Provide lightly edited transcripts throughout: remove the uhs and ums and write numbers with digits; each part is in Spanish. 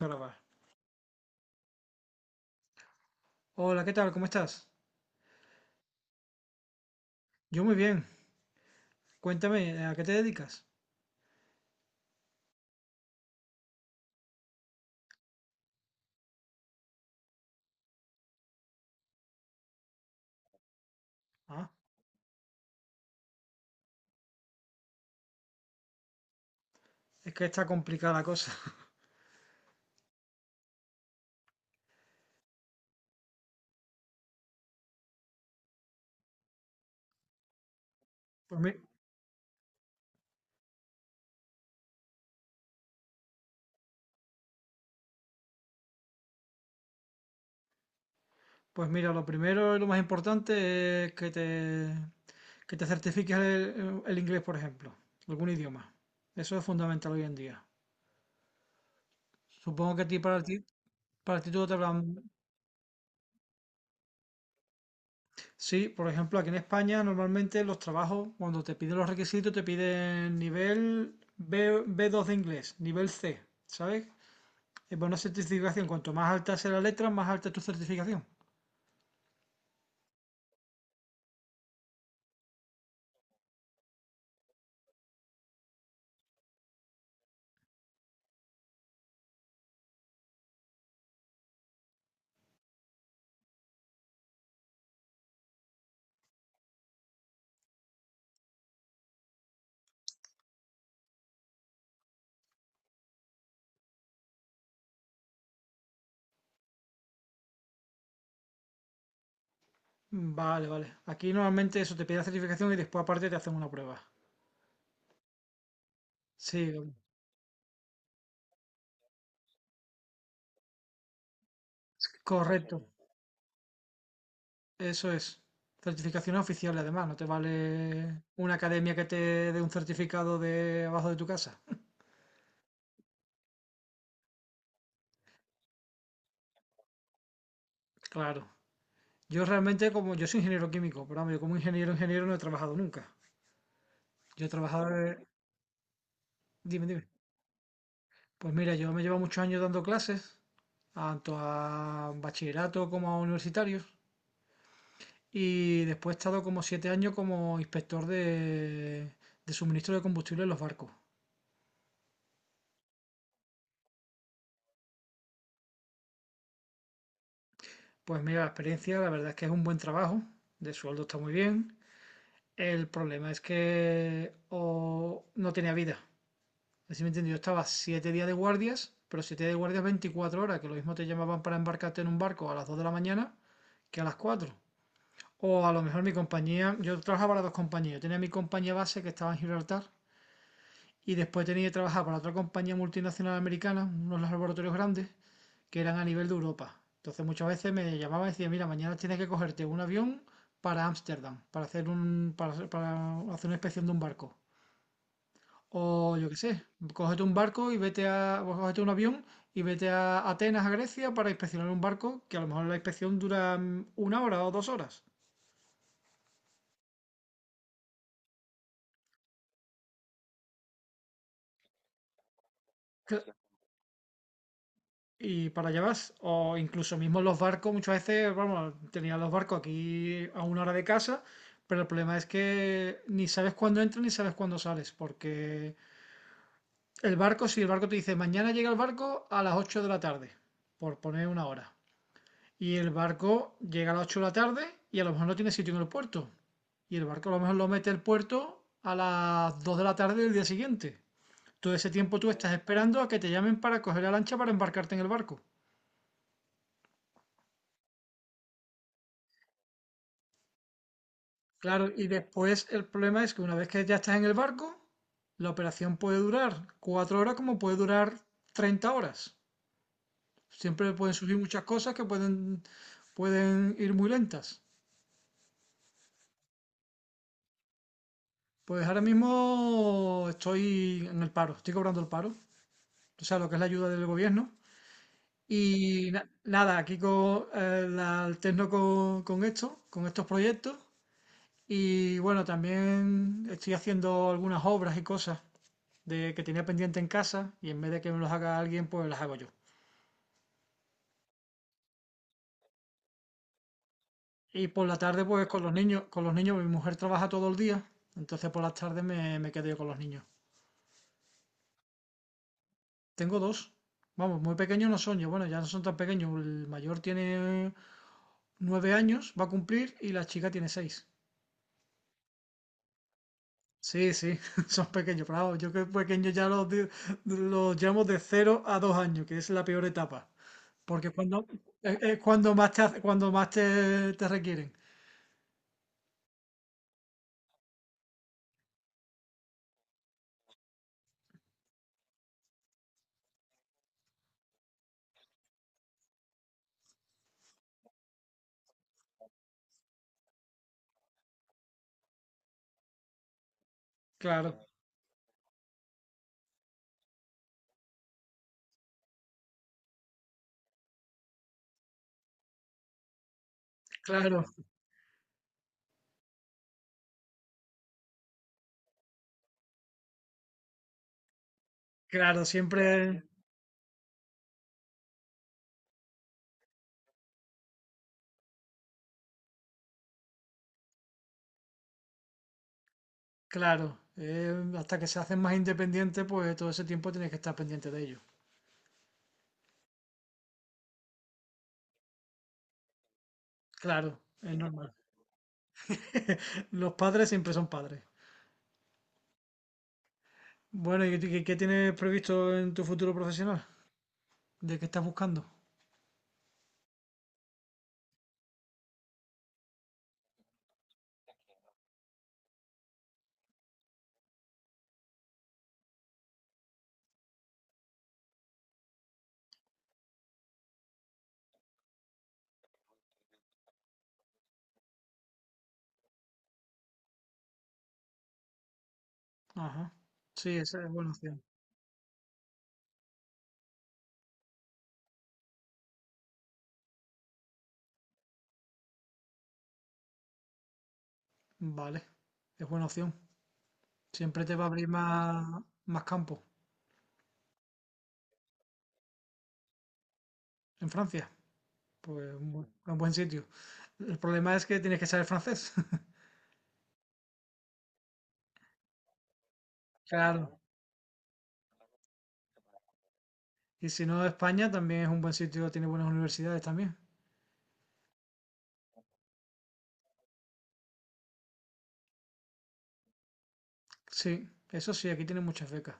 Grabar. Hola, ¿qué tal? ¿Cómo estás? Yo muy bien. Cuéntame, ¿a qué te dedicas? Ah, es que está complicada la cosa. Pues, mi- pues mira, lo primero y lo más importante es que te certifiques el inglés, por ejemplo, algún idioma. Eso es fundamental hoy en día. Supongo que a ti para ti, para ti todo te hablan. Sí, por ejemplo, aquí en España normalmente los trabajos, cuando te piden los requisitos, te piden nivel B, B2 de inglés, nivel C, ¿sabes? Pues una certificación, cuanto más alta sea la letra, más alta es tu certificación. Vale, vale. Aquí normalmente eso te pide la certificación y después aparte te hacen una prueba. Sí, correcto. Eso es. Certificaciones oficiales además, no te vale una academia que te dé un certificado de abajo de tu casa. Claro. Yo realmente, como yo soy ingeniero químico, pero vamos, yo como ingeniero no he trabajado nunca. Yo he trabajado de- Dime, dime. Pues mira, yo me llevo muchos años dando clases, tanto a bachillerato como a universitarios. Y después he estado como siete años como inspector de suministro de combustible en los barcos. Pues mira, la experiencia, la verdad es que es un buen trabajo, de sueldo está muy bien. El problema es que o no tenía vida. Así me entiendo, yo estaba siete días de guardias, pero siete días de guardias 24 horas, que lo mismo te llamaban para embarcarte en un barco a las 2 de la mañana que a las 4. O a lo mejor mi compañía, yo trabajaba para dos compañías, yo tenía mi compañía base que estaba en Gibraltar. Y después tenía que trabajar para otra compañía multinacional americana, unos laboratorios grandes, que eran a nivel de Europa. Entonces muchas veces me llamaba y decía, mira, mañana tienes que cogerte un avión para Ámsterdam, para hacer para hacer una inspección de un barco. O yo qué sé, cógete un barco y vete a, o cógete un avión y vete a Atenas, a Grecia, para inspeccionar un barco que a lo mejor la inspección dura una hora o dos horas. Que y para llevas, O incluso mismo los barcos, muchas veces, vamos, tenía los barcos aquí a una hora de casa, pero el problema es que ni sabes cuándo entras ni sabes cuándo sales, porque el barco, si el barco te dice mañana llega el barco a las 8 de la tarde, por poner una hora, y el barco llega a las 8 de la tarde y a lo mejor no tiene sitio en el puerto, y el barco a lo mejor lo mete el puerto a las 2 de la tarde del día siguiente. Todo ese tiempo tú estás esperando a que te llamen para coger la lancha para embarcarte en el barco. Claro, y después el problema es que una vez que ya estás en el barco, la operación puede durar cuatro horas como puede durar 30 horas. Siempre pueden surgir muchas cosas que pueden ir muy lentas. Pues ahora mismo estoy en el paro, estoy cobrando el paro, o sea, lo que es la ayuda del gobierno. Y nada, la alterno con esto, con estos proyectos. Y bueno, también estoy haciendo algunas obras y cosas de que tenía pendiente en casa y en vez de que me los haga alguien, pues las hago yo. Y por la tarde, pues con los niños, mi mujer trabaja todo el día, entonces por las tardes me quedo yo con los niños. Tengo dos. Vamos, muy pequeños no son, yo bueno, ya no son tan pequeños. El mayor tiene nueve años, va a cumplir, y la chica tiene seis. Sí, sí, son pequeños, pero vamos, yo que pequeños ya los llamo de cero a dos años, que es la peor etapa, porque es cuando más cuando más te requieren. Claro, claro. Claro, siempre, claro. Hasta que se hacen más independientes, pues todo ese tiempo tienes que estar pendiente de ellos. Claro, es normal. Los padres siempre son padres. Bueno, ¿ qué tienes previsto en tu futuro profesional? ¿De qué estás buscando? Ajá. Sí, esa es buena opción. Vale, es buena opción. Siempre te va a abrir más, más campo. En Francia, pues un buen sitio. El problema es que tienes que saber francés. Claro. Y si no, España también es un buen sitio, tiene buenas universidades también. Sí, eso sí, aquí tiene muchas becas.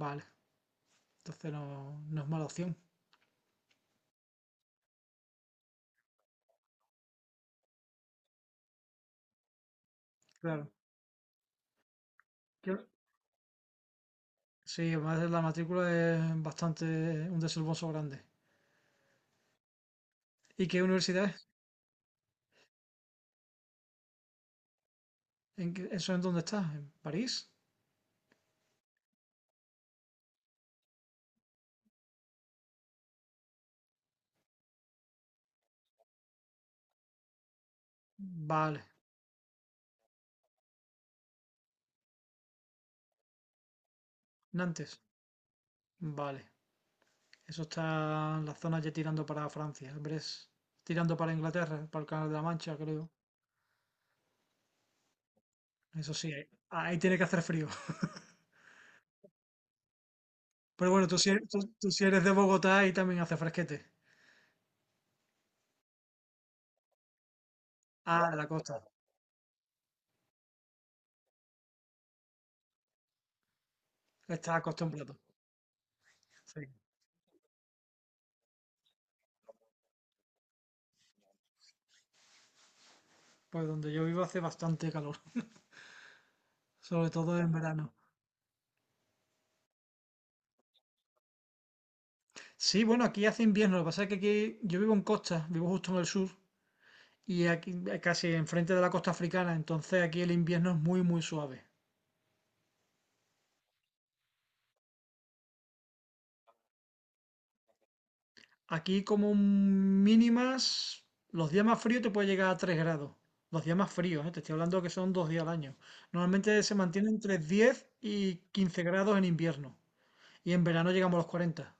Vale, entonces no, no es mala opción. Claro. Yo- Sí, además la matrícula es bastante un desembolso grande. ¿Y qué universidad es? ¿Eso es dónde está? ¿En París? Vale. Nantes. Vale. Eso está en la zona ya tirando para Francia, Brest. Tirando para Inglaterra, para el Canal de la Mancha, creo. Eso sí, ahí tiene que hacer frío. Pero bueno, tú si eres de Bogotá, ahí también hace fresquete. Ah, de la costa. Está acostumbrado. Sí. Pues donde yo vivo hace bastante calor, sobre todo en verano. Sí, bueno, aquí hace invierno, lo que pasa es que aquí yo vivo en costa, vivo justo en el sur y aquí casi enfrente de la costa africana, entonces aquí el invierno es muy muy suave. Aquí como mínimas, los días más fríos te puede llegar a 3 grados, los días más fríos, ¿eh? Te estoy hablando que son dos días al año. Normalmente se mantiene entre 10 y 15 grados en invierno y en verano llegamos a los cuarenta.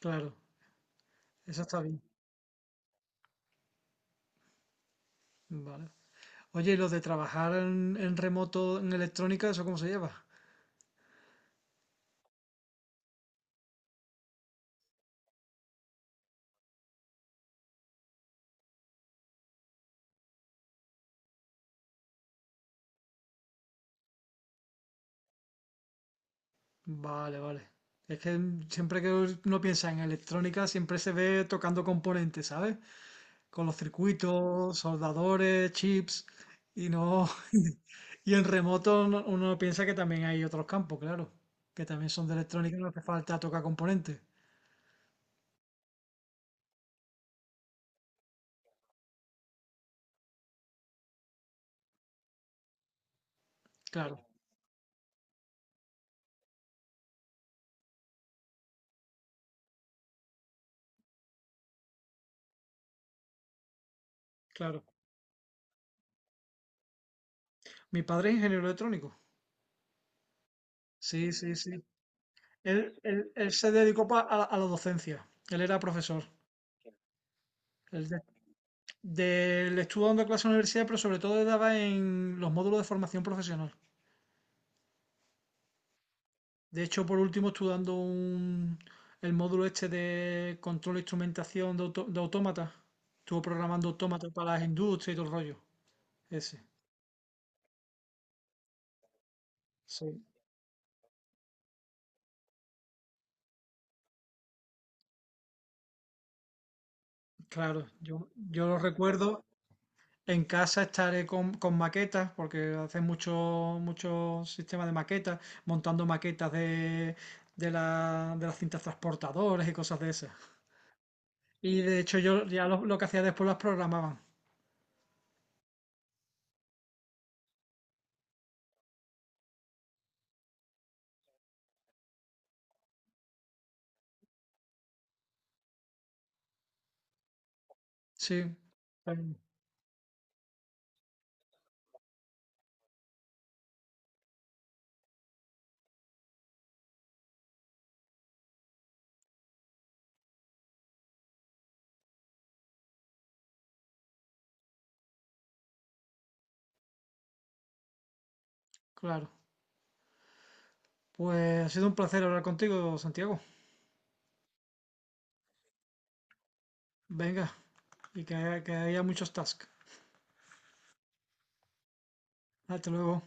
Claro, eso está bien, vale. Oye, ¿y los de trabajar en remoto en electrónica, eso cómo se lleva? Vale, vale. Es que siempre que uno piensa en electrónica, siempre se ve tocando componentes, ¿sabes? Con los circuitos, soldadores, chips, y no... Y en remoto uno piensa que también hay otros campos, claro, que también son de electrónica, y no hace falta tocar componentes. Claro, claro. Mi padre es ingeniero electrónico. Sí, sí, sí. Él, él se dedicó a la docencia. Él era profesor. Él del le estuve dando clase en la universidad, pero sobre todo daba en los módulos de formación profesional. De hecho, por último, el módulo este de control e instrumentación de autómatas. Estuve programando autómatas para las industrias y todo el rollo. Ese. Sí, claro. Yo lo recuerdo. En casa estaré con maquetas, porque hacen mucho sistemas de maquetas, montando maquetas de las cintas transportadoras y cosas de esas. Y de hecho yo ya lo que hacía después las programaba. Sí, ay, claro. Pues ha sido un placer hablar contigo, Santiago. Venga, que haya muchos tasks. Hasta luego.